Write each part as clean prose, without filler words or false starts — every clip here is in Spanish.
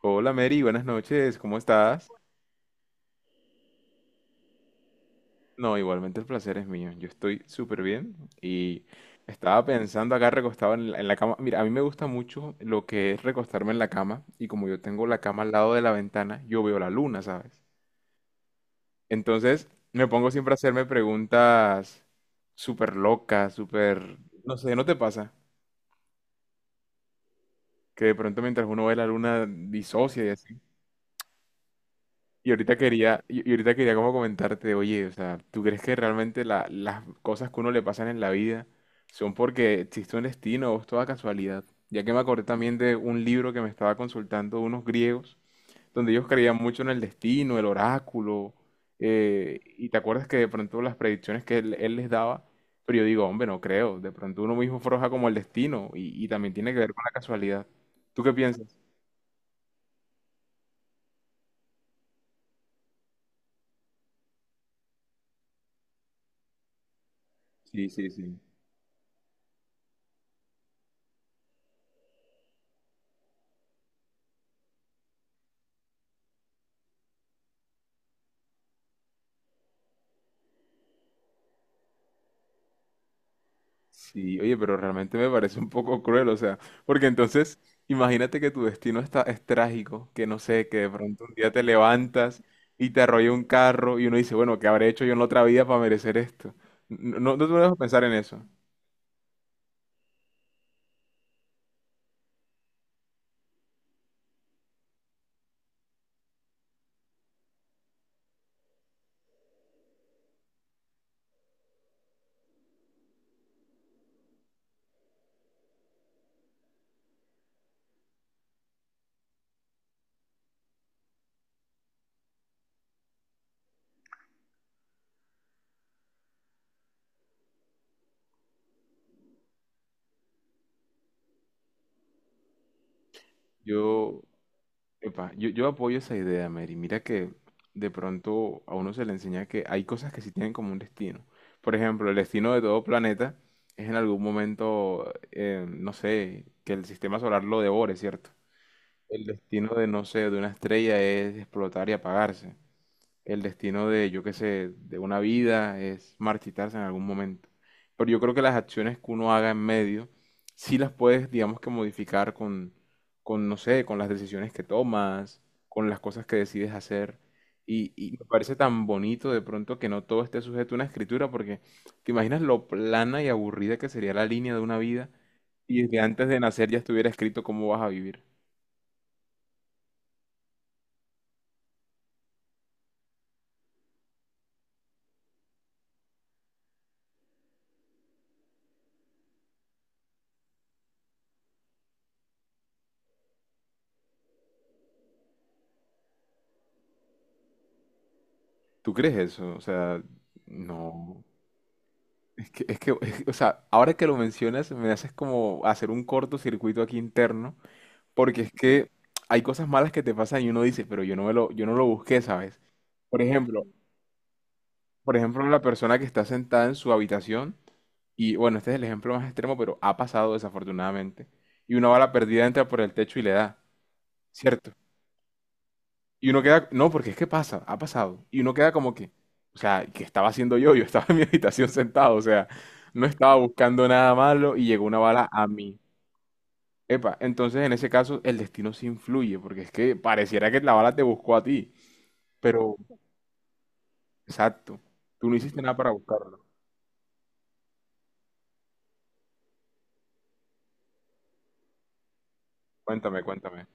Hola Mary, buenas noches, ¿cómo estás? No, igualmente el placer es mío, yo estoy súper bien y estaba pensando acá recostado en la cama. Mira, a mí me gusta mucho lo que es recostarme en la cama y como yo tengo la cama al lado de la ventana, yo veo la luna, ¿sabes? Entonces me pongo siempre a hacerme preguntas súper locas. No sé, ¿no te pasa? Que de pronto mientras uno ve la luna disocia. Y ahorita quería como comentarte, oye, o sea, ¿tú crees que realmente las cosas que uno le pasan en la vida son porque existe un destino o es toda casualidad? Ya que me acordé también de un libro que me estaba consultando unos griegos, donde ellos creían mucho en el destino, el oráculo, y te acuerdas que de pronto las predicciones que él les daba, pero yo digo, hombre, no creo, de pronto uno mismo forja como el destino y también tiene que ver con la casualidad. ¿Tú qué piensas? Sí, sí, sí. Sí, oye, pero realmente me parece un poco cruel, o sea, porque entonces, imagínate que tu destino es trágico, que no sé, que de pronto un día te levantas y te arrolla un carro y uno dice, bueno, ¿qué habré hecho yo en la otra vida para merecer esto? No, no, no te dejo pensar en eso. Yo, epa, yo apoyo esa idea, Mary. Mira que de pronto a uno se le enseña que hay cosas que sí tienen como un destino. Por ejemplo, el destino de todo planeta es en algún momento, no sé, que el sistema solar lo devore, ¿cierto? El destino de, no sé, de una estrella es explotar y apagarse. El destino de, yo qué sé, de una vida es marchitarse en algún momento. Pero yo creo que las acciones que uno haga en medio, sí las puedes, digamos que modificar con, no sé, con las decisiones que tomas, con las cosas que decides hacer. Y me parece tan bonito de pronto que no todo esté sujeto a una escritura, porque te imaginas lo plana y aburrida que sería la línea de una vida y desde antes de nacer ya estuviera escrito cómo vas a vivir. ¿Tú crees eso? O sea, no. Es que, o sea, ahora que lo mencionas, me haces como hacer un cortocircuito aquí interno, porque es que hay cosas malas que te pasan y uno dice, pero yo no lo busqué, ¿sabes? Por ejemplo, por ejemplo, la persona que está sentada en su habitación, y bueno, este es el ejemplo más extremo, pero ha pasado desafortunadamente, y una bala perdida entra por el techo y le da, ¿cierto? Y uno queda, no, porque es que pasa, ha pasado. Y uno queda como que, o sea, ¿qué estaba haciendo yo? Yo estaba en mi habitación sentado, o sea, no estaba buscando nada malo y llegó una bala a mí. Epa, entonces en ese caso el destino sí influye, porque es que pareciera que la bala te buscó a ti, pero exacto, tú no hiciste nada para buscarla. Cuéntame, cuéntame.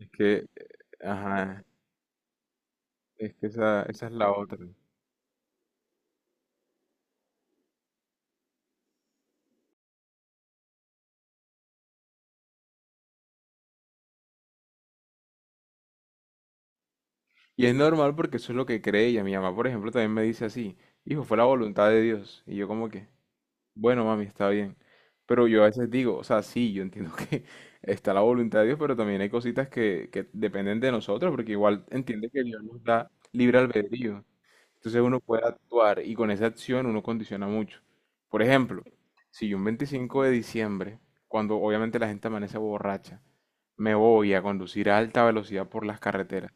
Es que, ajá, es que esa es la otra. Y es normal porque eso es lo que cree ella. Mi mamá, por ejemplo, también me dice así, hijo, fue la voluntad de Dios. Y yo como que. Bueno, mami, está bien. Pero yo a veces digo, o sea, sí, yo entiendo que está la voluntad de Dios, pero también hay cositas que dependen de nosotros, porque igual entiende que Dios nos da libre albedrío. Entonces uno puede actuar y con esa acción uno condiciona mucho. Por ejemplo, si yo un 25 de diciembre, cuando obviamente la gente amanece borracha, me voy a conducir a alta velocidad por las carreteras,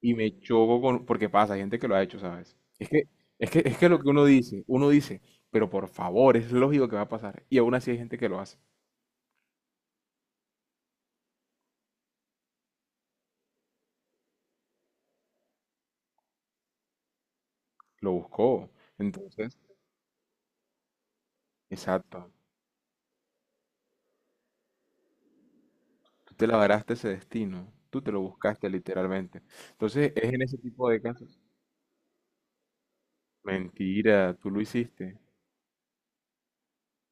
y me choco con, porque pasa, hay gente que lo ha hecho, ¿sabes? Es que lo que uno dice, pero por favor, es lógico que va a pasar. Y aún así hay gente que lo hace, lo buscó. Entonces, exacto, tú te labraste ese destino, tú te lo buscaste literalmente. Entonces, es en ese tipo de casos. Mentira, tú lo hiciste.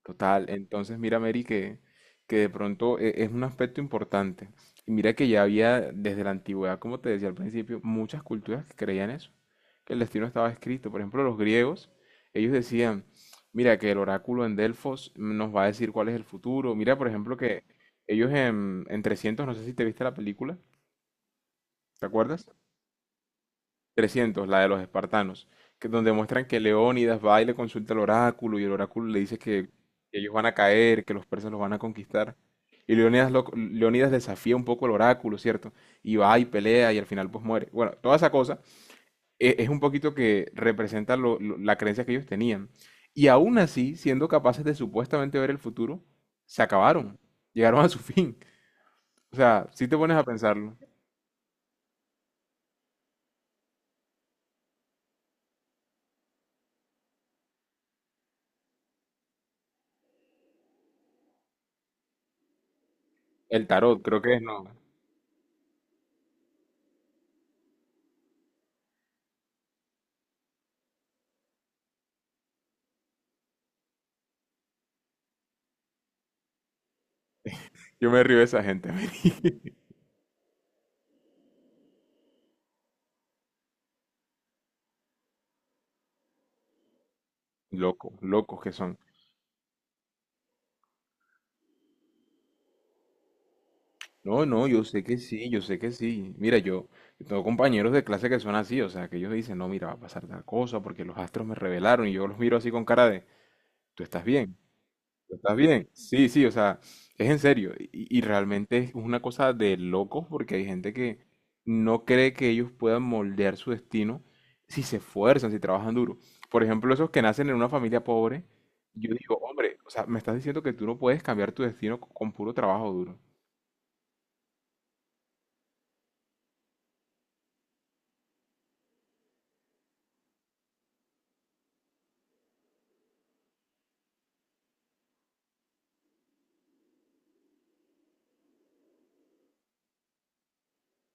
Total, entonces mira, Mary, que de pronto es un aspecto importante. Y mira que ya había desde la antigüedad, como te decía al principio, muchas culturas que creían eso, que el destino estaba escrito. Por ejemplo, los griegos, ellos decían, mira que el oráculo en Delfos nos va a decir cuál es el futuro. Mira, por ejemplo, que ellos en 300, no sé si te viste la película, ¿te acuerdas? 300, la de los espartanos, que donde muestran que Leónidas va y le consulta al oráculo y el oráculo le dice que ellos van a caer, que los persas los van a conquistar. Y Leónidas, Leónidas desafía un poco el oráculo, ¿cierto? Y va y pelea y al final pues muere. Bueno, toda esa cosa es un poquito que representa la creencia que ellos tenían. Y aún así, siendo capaces de supuestamente ver el futuro, se acabaron, llegaron a su fin. O sea, si te pones a pensarlo, el tarot creo que es no. Yo me río de esa gente. Locos, locos que son. No, no, yo sé que sí, yo sé que sí. Mira, yo tengo compañeros de clase que son así, o sea, que ellos dicen, no, mira, va a pasar tal cosa porque los astros me revelaron y yo los miro así con cara de, tú estás bien, tú estás bien. Sí, sí, o sea, es en serio. Y realmente es una cosa de locos porque hay gente que no cree que ellos puedan moldear su destino si se esfuerzan, si trabajan duro. Por ejemplo, esos que nacen en una familia pobre, yo digo, hombre, o sea, me estás diciendo que tú no puedes cambiar tu destino con puro trabajo duro.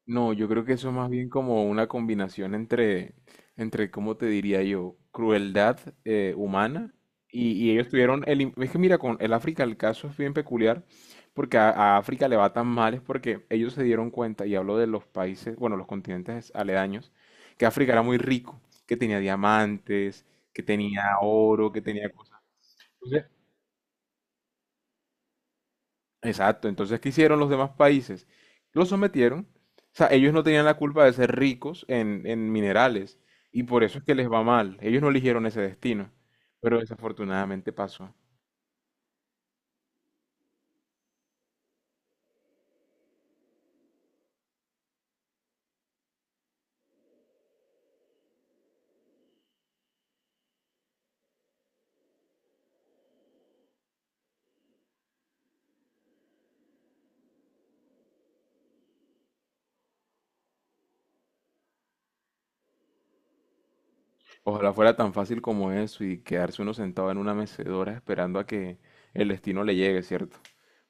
No, yo creo que eso es más bien como una combinación entre, ¿cómo te diría yo? Crueldad humana y ellos tuvieron el... im- Es que mira, con el África el caso es bien peculiar porque a África le va tan mal es porque ellos se dieron cuenta, y hablo de los países, bueno, los continentes aledaños, que África era muy rico, que tenía diamantes, que tenía oro, que tenía cosas. Entonces, exacto, entonces, ¿qué hicieron los demás países? Los sometieron, o sea, ellos no tenían la culpa de ser ricos en minerales y por eso es que les va mal, ellos no eligieron ese destino, pero desafortunadamente pasó. Ojalá fuera tan fácil como eso y quedarse uno sentado en una mecedora esperando a que el destino le llegue, ¿cierto?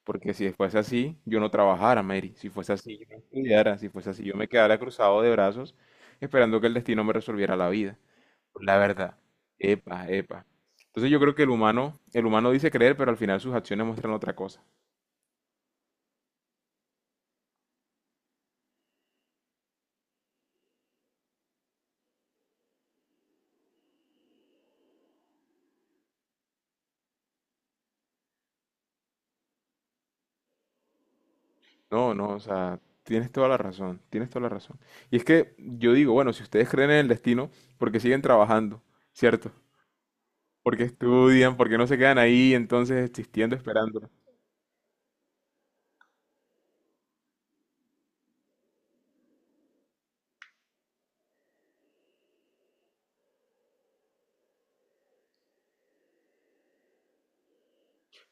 Porque si fuese así, yo no trabajara, Mary, si fuese así, yo no estudiara, si fuese así, yo me quedara cruzado de brazos esperando que el destino me resolviera la vida. La verdad. Epa, epa. Entonces yo creo que el humano dice creer, pero al final sus acciones muestran otra cosa. No, no, o sea, tienes toda la razón, tienes toda la razón. Y es que yo digo, bueno, si ustedes creen en el destino, porque siguen trabajando, ¿cierto? Porque estudian, porque no se quedan ahí entonces existiendo, esperando.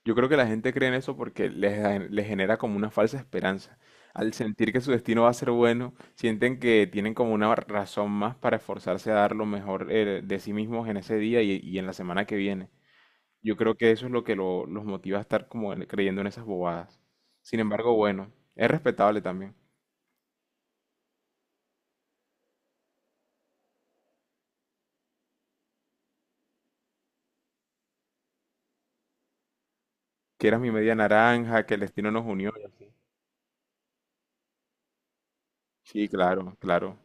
Yo creo que la gente cree en eso porque les genera como una falsa esperanza. Al sentir que su destino va a ser bueno, sienten que tienen como una razón más para esforzarse a dar lo mejor de sí mismos en ese día y en la semana que viene. Yo creo que eso es lo que los motiva a estar como creyendo en esas bobadas. Sin embargo, bueno, es respetable también. Que eras mi media naranja, que el destino nos unió y así. Sí, claro, claro.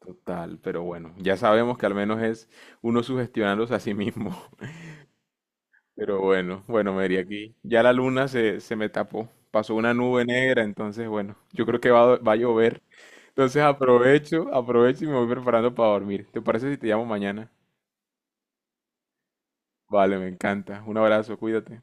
Total, pero bueno, ya sabemos que al menos es uno sugestionándose a sí mismo. Pero bueno, bueno, Mary, aquí ya la luna se me tapó. Pasó una nube negra, entonces bueno, yo creo que va a llover. Entonces aprovecho y me voy preparando para dormir. ¿Te parece si te llamo mañana? Vale, me encanta. Un abrazo, cuídate.